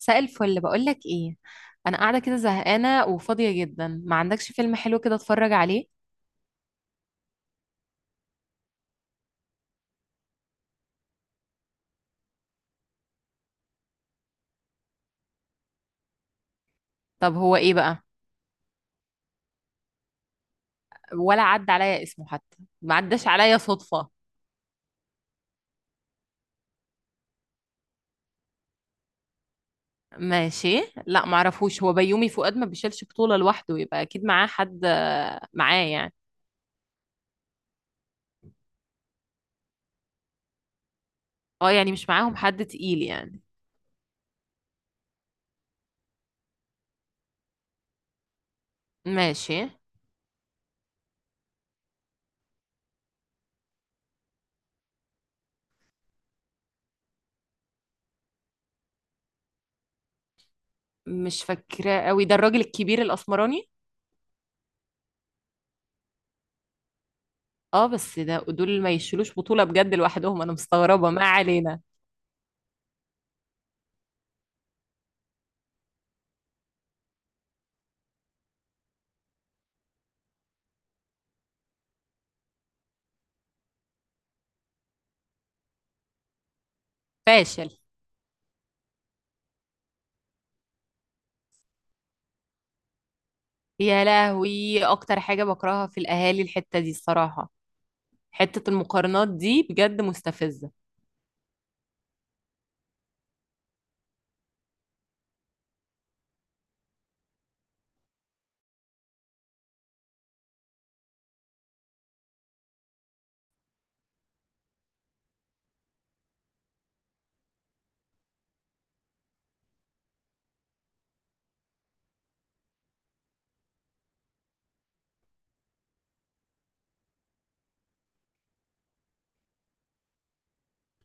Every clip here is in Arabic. مساء الفل، بقول لك ايه؟ انا قاعده كده زهقانه وفاضيه جدا، ما عندكش فيلم حلو كده اتفرج عليه؟ طب هو ايه بقى؟ ولا عدى عليا اسمه حتى. ما عداش عليا صدفه. ماشي. لا معرفوش. هو بيومي فؤاد ما بيشيلش بطوله لوحده، يبقى اكيد معاه حد. معاه يعني. اه، يعني مش معاهم حد تقيل يعني. ماشي. مش فاكراه قوي. ده الراجل الكبير الاسمراني؟ اه، بس ده دول ما يشيلوش بطوله بجد لوحدهم. انا مستغربه. ما علينا. فاشل. يا لهوي، اكتر حاجة بكرهها في الاهالي الحتة دي الصراحة. حتة المقارنات دي بجد مستفزة.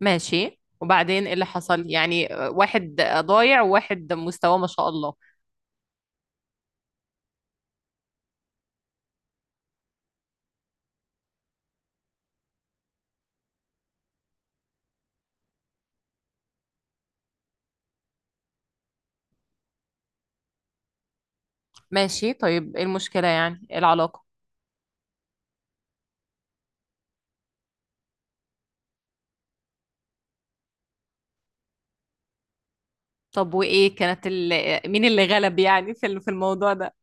ماشي، وبعدين ايه اللي حصل؟ يعني واحد ضايع وواحد مستواه ما شاء الله. ماشي، طيب ايه المشكلة؟ يعني ايه العلاقة؟ طب وايه كانت مين اللي غلب؟ يعني في في الموضوع ده؟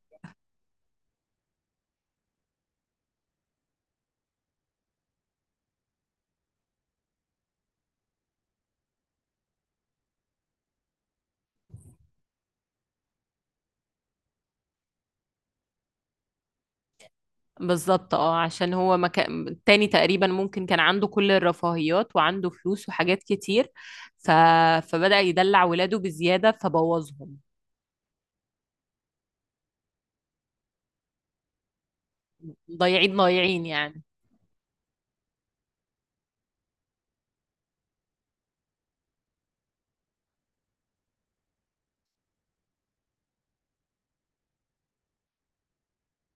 بالظبط، اه، عشان هو ما كان التاني. تقريبا ممكن كان عنده كل الرفاهيات وعنده فلوس وحاجات كتير. ف... فبدأ يدلع ولاده بزيادة فبوظهم. ضايعين ضايعين يعني.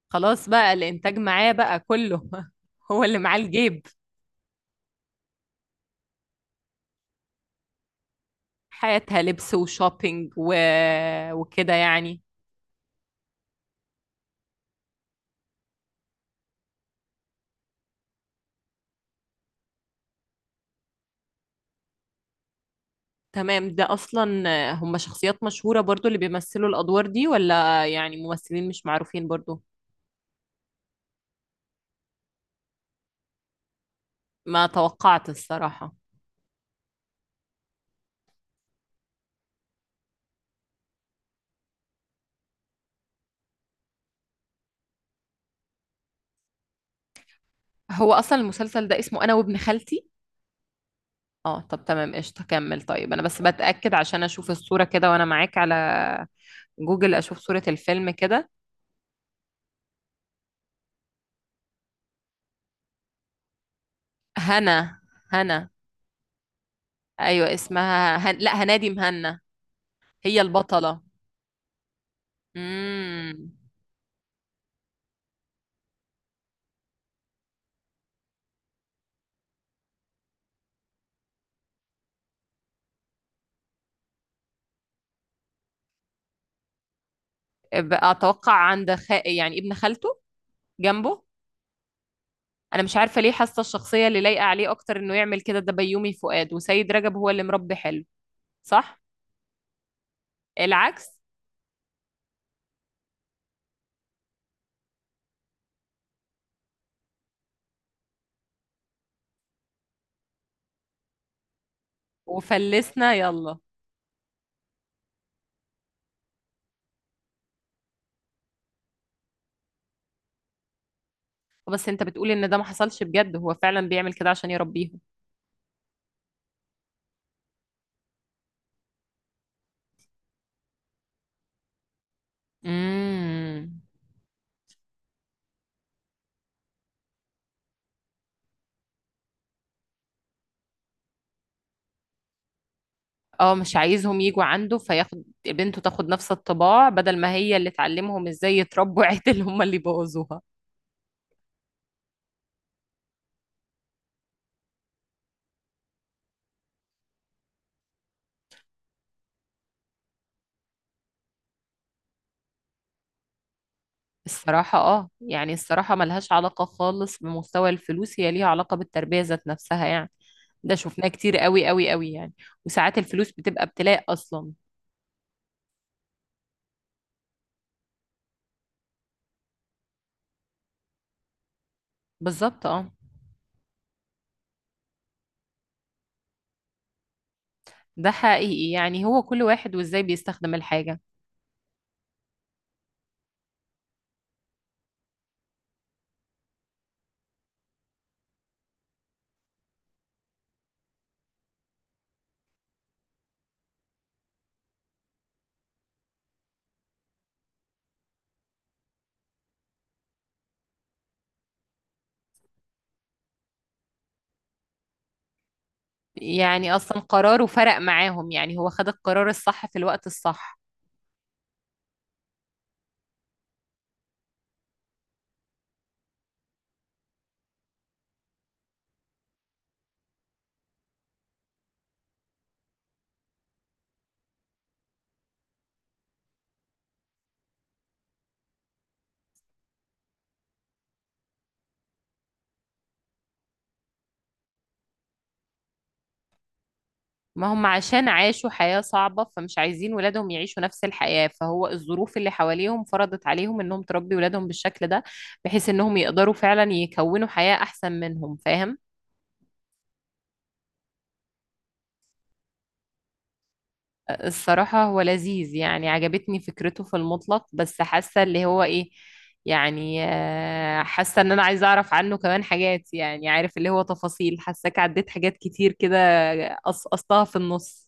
خلاص بقى الانتاج معاه بقى كله هو اللي معاه الجيب. حياتها لبس وشوبينج وكده يعني. تمام ده اصلا. هم شخصيات مشهورة برضو اللي بيمثلوا الادوار دي؟ ولا يعني ممثلين مش معروفين برضو؟ ما توقعت الصراحة. هو اصلا المسلسل ده اسمه انا وابن خالتي؟ اه، طب تمام، قشطة، كمل. طيب انا بس بتأكد عشان اشوف الصورة كده وانا معاك على جوجل، اشوف صورة الفيلم كده. هنا، هنا، ايوه اسمها لا، هنادي مهنا. هي البطلة. امم. اتوقع عند يعني ابن خالته، جنبه. انا مش عارفة ليه حاسة الشخصية اللي لايقة عليه اكتر انه يعمل كده ده بيومي فؤاد. وسيد رجب هو اللي مربي حلو، صح؟ العكس. وفلسنا يلا. بس انت بتقول ان ده ما حصلش بجد؟ هو فعلا بيعمل كده عشان يربيهم؟ امم. اه، مش عايزهم يجوا عنده فياخد بنته تاخد نفس الطباع بدل ما هي اللي تعلمهم ازاي يتربوا عدل، هم اللي بوظوها. الصراحة اه، يعني الصراحة ملهاش علاقة خالص بمستوى الفلوس. هي ليها علاقة بالتربية ذات نفسها يعني. ده شفناه كتير قوي قوي قوي يعني. وساعات الفلوس بتبقى ابتلاء أصلا. بالظبط اه. ده حقيقي، يعني هو كل واحد وازاي بيستخدم الحاجة. يعني أصلا قراره فرق معاهم. يعني هو خد القرار الصح في الوقت الصح. ما هم عشان عاشوا حياة صعبة فمش عايزين ولادهم يعيشوا نفس الحياة، فهو الظروف اللي حواليهم فرضت عليهم انهم تربي ولادهم بالشكل ده، بحيث انهم يقدروا فعلا يكونوا حياة احسن منهم. فاهم؟ الصراحة هو لذيذ، يعني عجبتني فكرته في المطلق. بس حاسة اللي هو ايه، يعني حاسة ان انا عايزة اعرف عنه كمان حاجات. يعني عارف اللي هو تفاصيل، حاساك عديت حاجات كتير كده، قصقصتها في النص.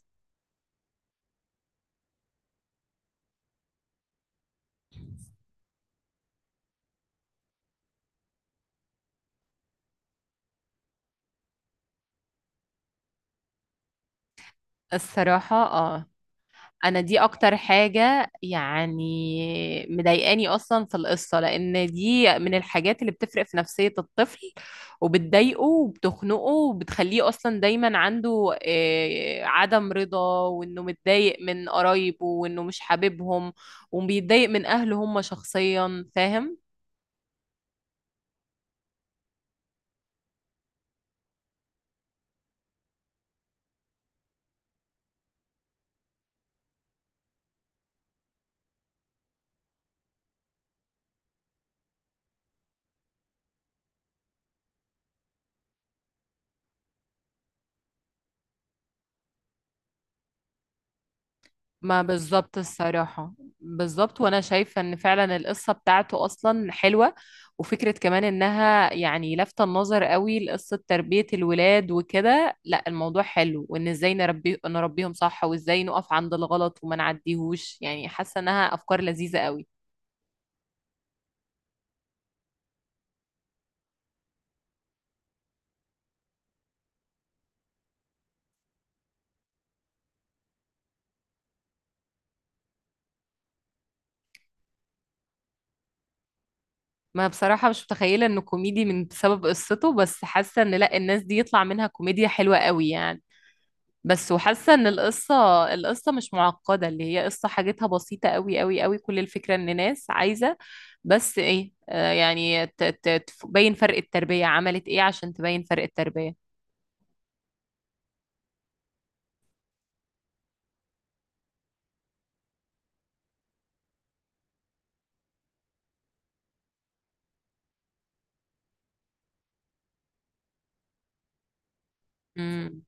الصراحة اه، انا دي اكتر حاجة يعني مضايقاني اصلا في القصة، لان دي من الحاجات اللي بتفرق في نفسية الطفل وبتضايقه وبتخنقه وبتخليه اصلا دايما عنده عدم رضا، وانه متضايق من قرايبه وانه مش حاببهم، وبيتضايق من اهله هم شخصيا. فاهم؟ ما بالظبط الصراحة. بالظبط، وأنا شايفة إن فعلا القصة بتاعته أصلا حلوة. وفكرة كمان إنها يعني لافتة النظر قوي لقصة تربية الولاد وكده. لا الموضوع حلو، وإن إزاي نربيهم صح، وإزاي نقف عند الغلط وما نعديهوش. يعني حاسة إنها أفكار لذيذة قوي. ما بصراحة مش متخيلة إنه كوميدي من بسبب قصته، بس حاسة إن لا، الناس دي يطلع منها كوميديا حلوة قوي يعني. بس وحاسه ان القصه مش معقده، اللي هي قصه حاجتها بسيطه قوي قوي قوي. كل الفكره ان ناس عايزه بس ايه، يعني تبين فرق التربيه. عملت ايه عشان تبين فرق التربيه. امم.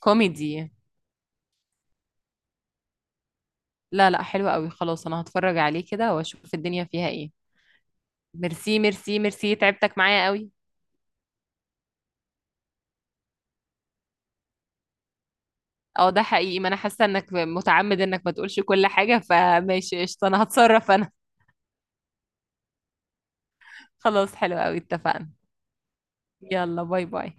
كوميدي. لا لا، حلوه قوي. خلاص، انا هتفرج عليه كده واشوف الدنيا فيها ايه. ميرسي ميرسي ميرسي، تعبتك معايا قوي. اه ده حقيقي، ما انا حاسه انك متعمد انك ما تقولش كل حاجه. فماشي قشطه، انا هتصرف انا. خلاص، حلو قوي، اتفقنا. يلا باي باي.